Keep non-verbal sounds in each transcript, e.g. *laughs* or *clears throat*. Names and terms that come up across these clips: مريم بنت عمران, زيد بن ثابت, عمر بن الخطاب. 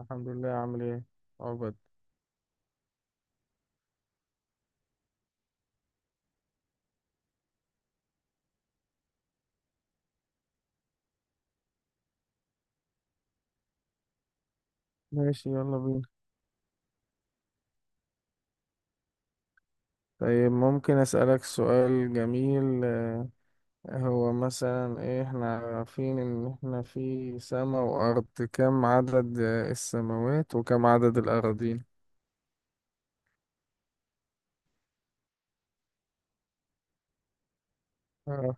الحمد لله. عامل ايه؟ عقبد. ماشي، يلا بينا. طيب، ممكن أسألك سؤال جميل؟ هو مثلا ايه، احنا عارفين ان احنا في سماء وأرض. كم عدد السماوات وكم عدد الأراضين؟ آه.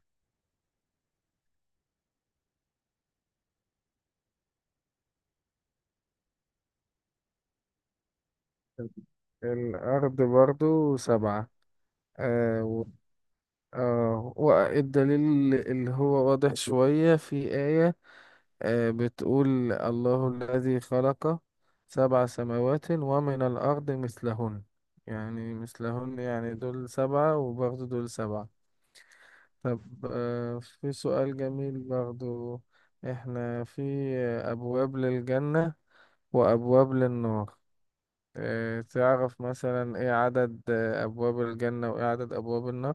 الأرض برضو سبعة. آه و... والدليل اللي هو واضح شوية في آية بتقول: الله الذي خلق سبع سماوات ومن الأرض مثلهن. يعني مثلهن، يعني دول سبعة وبرضه دول سبعة. طب، في سؤال جميل برضه. احنا في أبواب للجنة وأبواب للنار. تعرف مثلا ايه عدد أبواب الجنة وايه عدد أبواب النار؟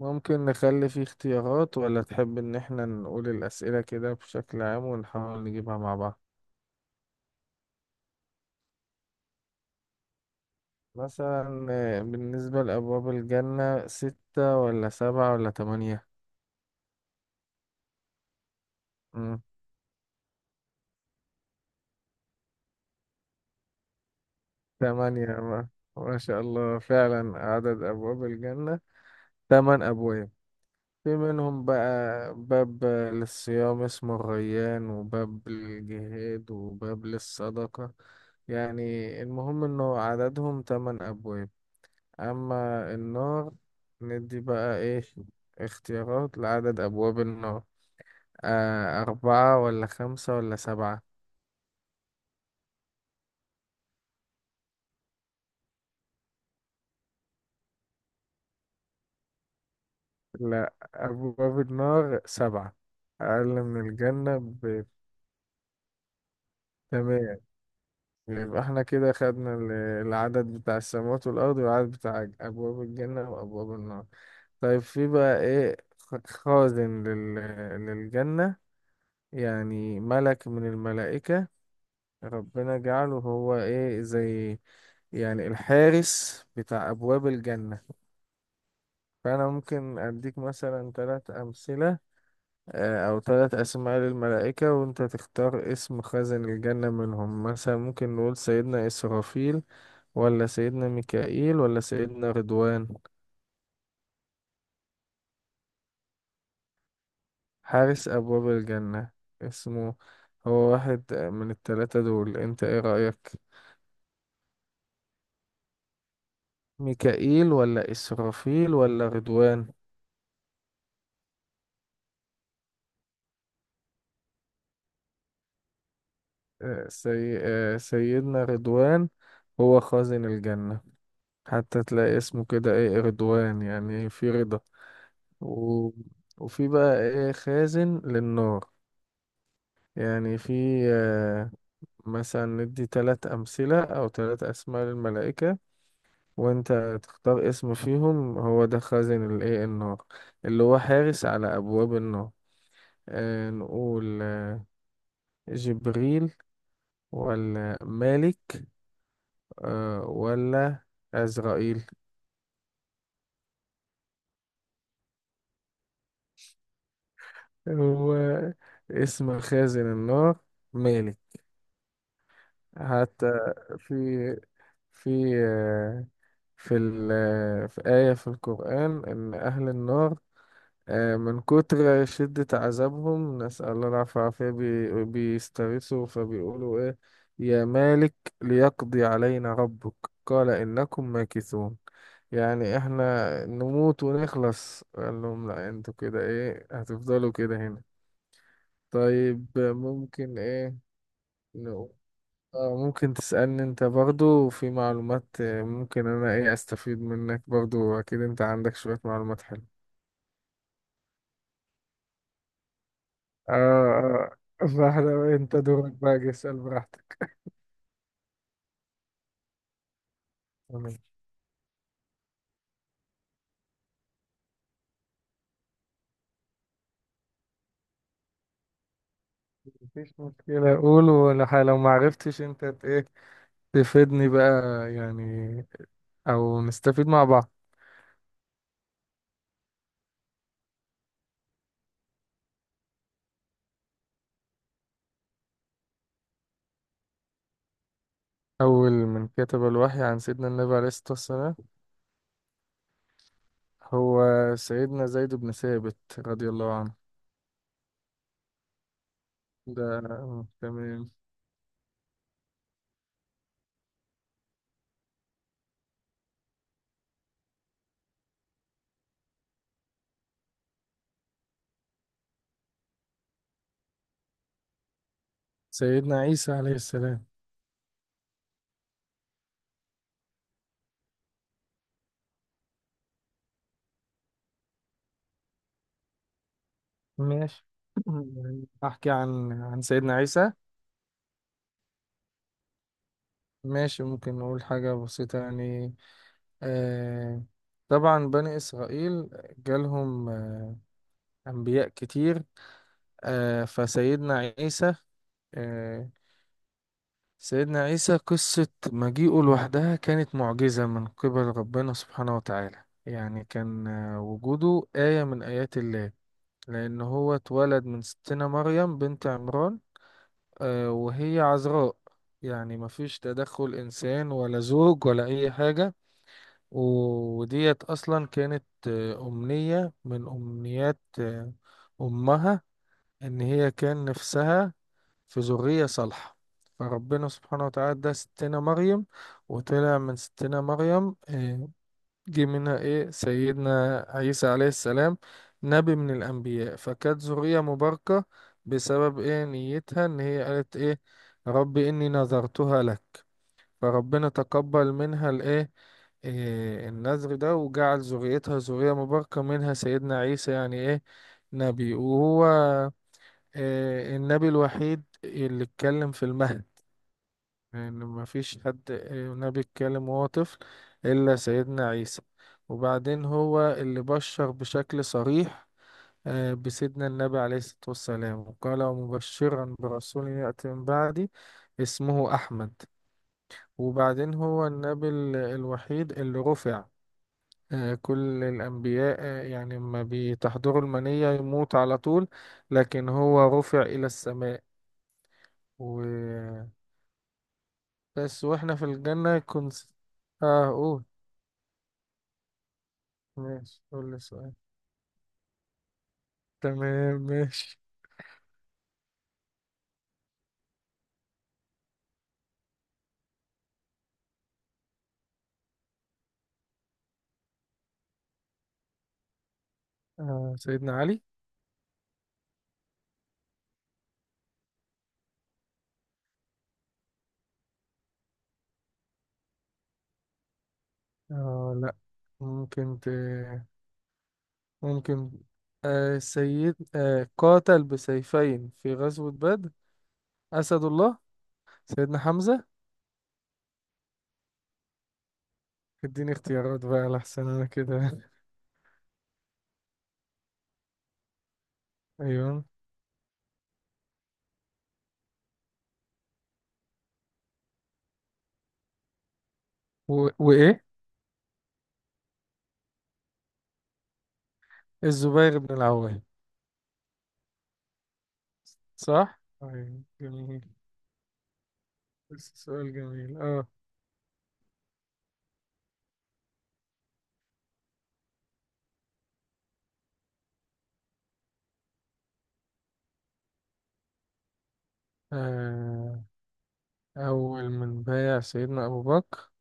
ممكن نخلي فيه اختيارات، ولا تحب ان احنا نقول الأسئلة كده بشكل عام ونحاول نجيبها مع بعض؟ مثلا بالنسبة لأبواب الجنة ستة ولا سبعة ولا تمانية؟ مم. تمانية. ما شاء الله، فعلا عدد أبواب الجنة تمن أبواب. في منهم بقى باب للصيام اسمه الريان، وباب للجهاد، وباب للصدقة، يعني. المهم إنه عددهم تمن أبواب. أما النار، ندي بقى إيه اختيارات لعدد أبواب النار. أربعة ولا خمسة ولا سبعة؟ لا، أبواب النار سبعة، أقل من الجنة ب... تمام. يبقى احنا كده خدنا العدد بتاع السماوات والأرض، والعدد بتاع أبواب الجنة وأبواب النار. طيب، في بقى إيه خازن للجنة؟ يعني ملك من الملائكة ربنا جعله هو إيه، زي يعني الحارس بتاع أبواب الجنة. فأنا ممكن أديك مثلا ثلاث أمثلة أو ثلاث أسماء للملائكة، وأنت تختار اسم خازن الجنة منهم. مثلا ممكن نقول سيدنا إسرافيل، ولا سيدنا ميكائيل، ولا سيدنا رضوان. حارس أبواب الجنة اسمه، هو واحد من الثلاثة دول، أنت إيه رأيك؟ ميكائيل ولا إسرافيل ولا رضوان؟ آه، سي... آه، سيدنا رضوان هو خازن الجنة. حتى تلاقي اسمه كده إيه، رضوان، يعني في رضا. و... وفي بقى ايه خازن للنار؟ يعني في آه، مثلا ندي تلات أمثلة أو تلات أسماء للملائكة، وأنت تختار اسم فيهم هو ده خازن الايه النار، اللي هو حارس على أبواب النار. نقول جبريل ولا مالك ولا عزرائيل؟ هو اسم خازن النار مالك. حتى في في آه، في ال في آية في القرآن، إن أهل النار من كتر شدة عذابهم، نسأل الله العافية، والعافية بيستغيثوا، فبيقولوا إيه: يا مالك ليقضي علينا ربك، قال إنكم ماكثون. يعني إحنا نموت ونخلص، قال لهم لا، أنتوا كده إيه هتفضلوا كده هنا. طيب، ممكن إيه، اه، ممكن تسألني انت برضو، في معلومات ممكن انا ايه استفيد منك برضو، اكيد انت عندك شوية معلومات حلوة. اه فاحنا، انت دورك بقى جه، اسأل براحتك. تمام. مفيش مشكلة، قول، ولو لو ما عرفتش انت ايه تفيدني بقى، يعني، او نستفيد مع بعض. اول من كتب الوحي عن سيدنا النبي عليه الصلاة والسلام هو سيدنا زيد بن ثابت رضي الله عنه. ده تمام. سيدنا عيسى عليه السلام. ماشي. *clears throat* يعني أحكي عن سيدنا عيسى؟ ماشي، ممكن نقول حاجة بسيطة يعني. آه، طبعا بني إسرائيل جالهم أنبياء كتير. آه فسيدنا عيسى آه سيدنا عيسى قصة مجيئه لوحدها كانت معجزة من قبل ربنا سبحانه وتعالى. يعني كان وجوده آية من آيات الله، لأن هو اتولد من ستنا مريم بنت عمران وهي عذراء، يعني مفيش تدخل إنسان ولا زوج ولا أي حاجة. وديت أصلا كانت أمنية من أمنيات أمها، إن هي كان نفسها في ذرية صالحة. فربنا سبحانه وتعالى ده ستنا مريم، وطلع من ستنا مريم جه منها ايه سيدنا عيسى عليه السلام، نبي من الانبياء. فكانت ذرية مباركة بسبب ايه نيتها، ان هي قالت ايه: رب اني نذرتها لك. فربنا تقبل منها الايه، إيه النذر ده، وجعل ذريتها ذرية مباركة، منها سيدنا عيسى، يعني ايه نبي. وهو إيه النبي الوحيد اللي اتكلم في المهد، لأن مفيش حد نبي اتكلم وهو طفل إلا سيدنا عيسى. وبعدين هو اللي بشر بشكل صريح بسيدنا النبي عليه الصلاة والسلام، وقال: مبشرا برسول يأتي من بعدي اسمه أحمد. وبعدين هو النبي الوحيد اللي رفع. كل الأنبياء يعني ما بتحضره المنية يموت على طول، لكن هو رفع إلى السماء، وبس. وإحنا في الجنة كنت. اه، قول. ماشي، قول لي السؤال. تمام ماشي. سيدنا علي. لا. ممكن ت... ممكن، آه سيد آه قاتل بسيفين في غزوة بدر، أسد الله، سيدنا حمزة. اديني اختيارات بقى لحسن انا كده *laughs* ايوه. وايه؟ الزبير بن العوام. صح. طيب جميل. بس سؤال جميل. اه آه، اول من بايع سيدنا ابو بكر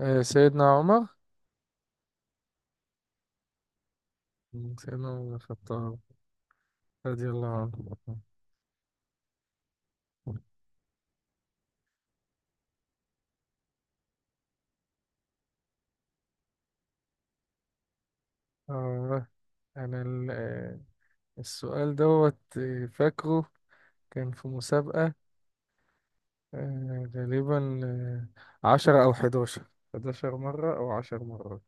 سيدنا عمر. سيدنا عمر بن الخطاب رضي الله عنه. آه أنا السؤال دوت فاكره كان في مسابقة، غالبا 10 أو 11، 11 مرة أو 10 مرات.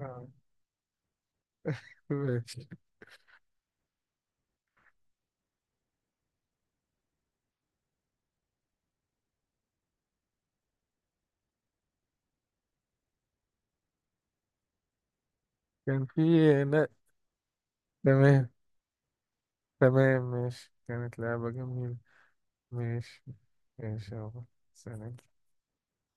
آه. *laughs* ماشي. كان في. لا. تمام تمام، ماشي، كانت لعبة جميلة. ماشي ماشي يابا، سلام.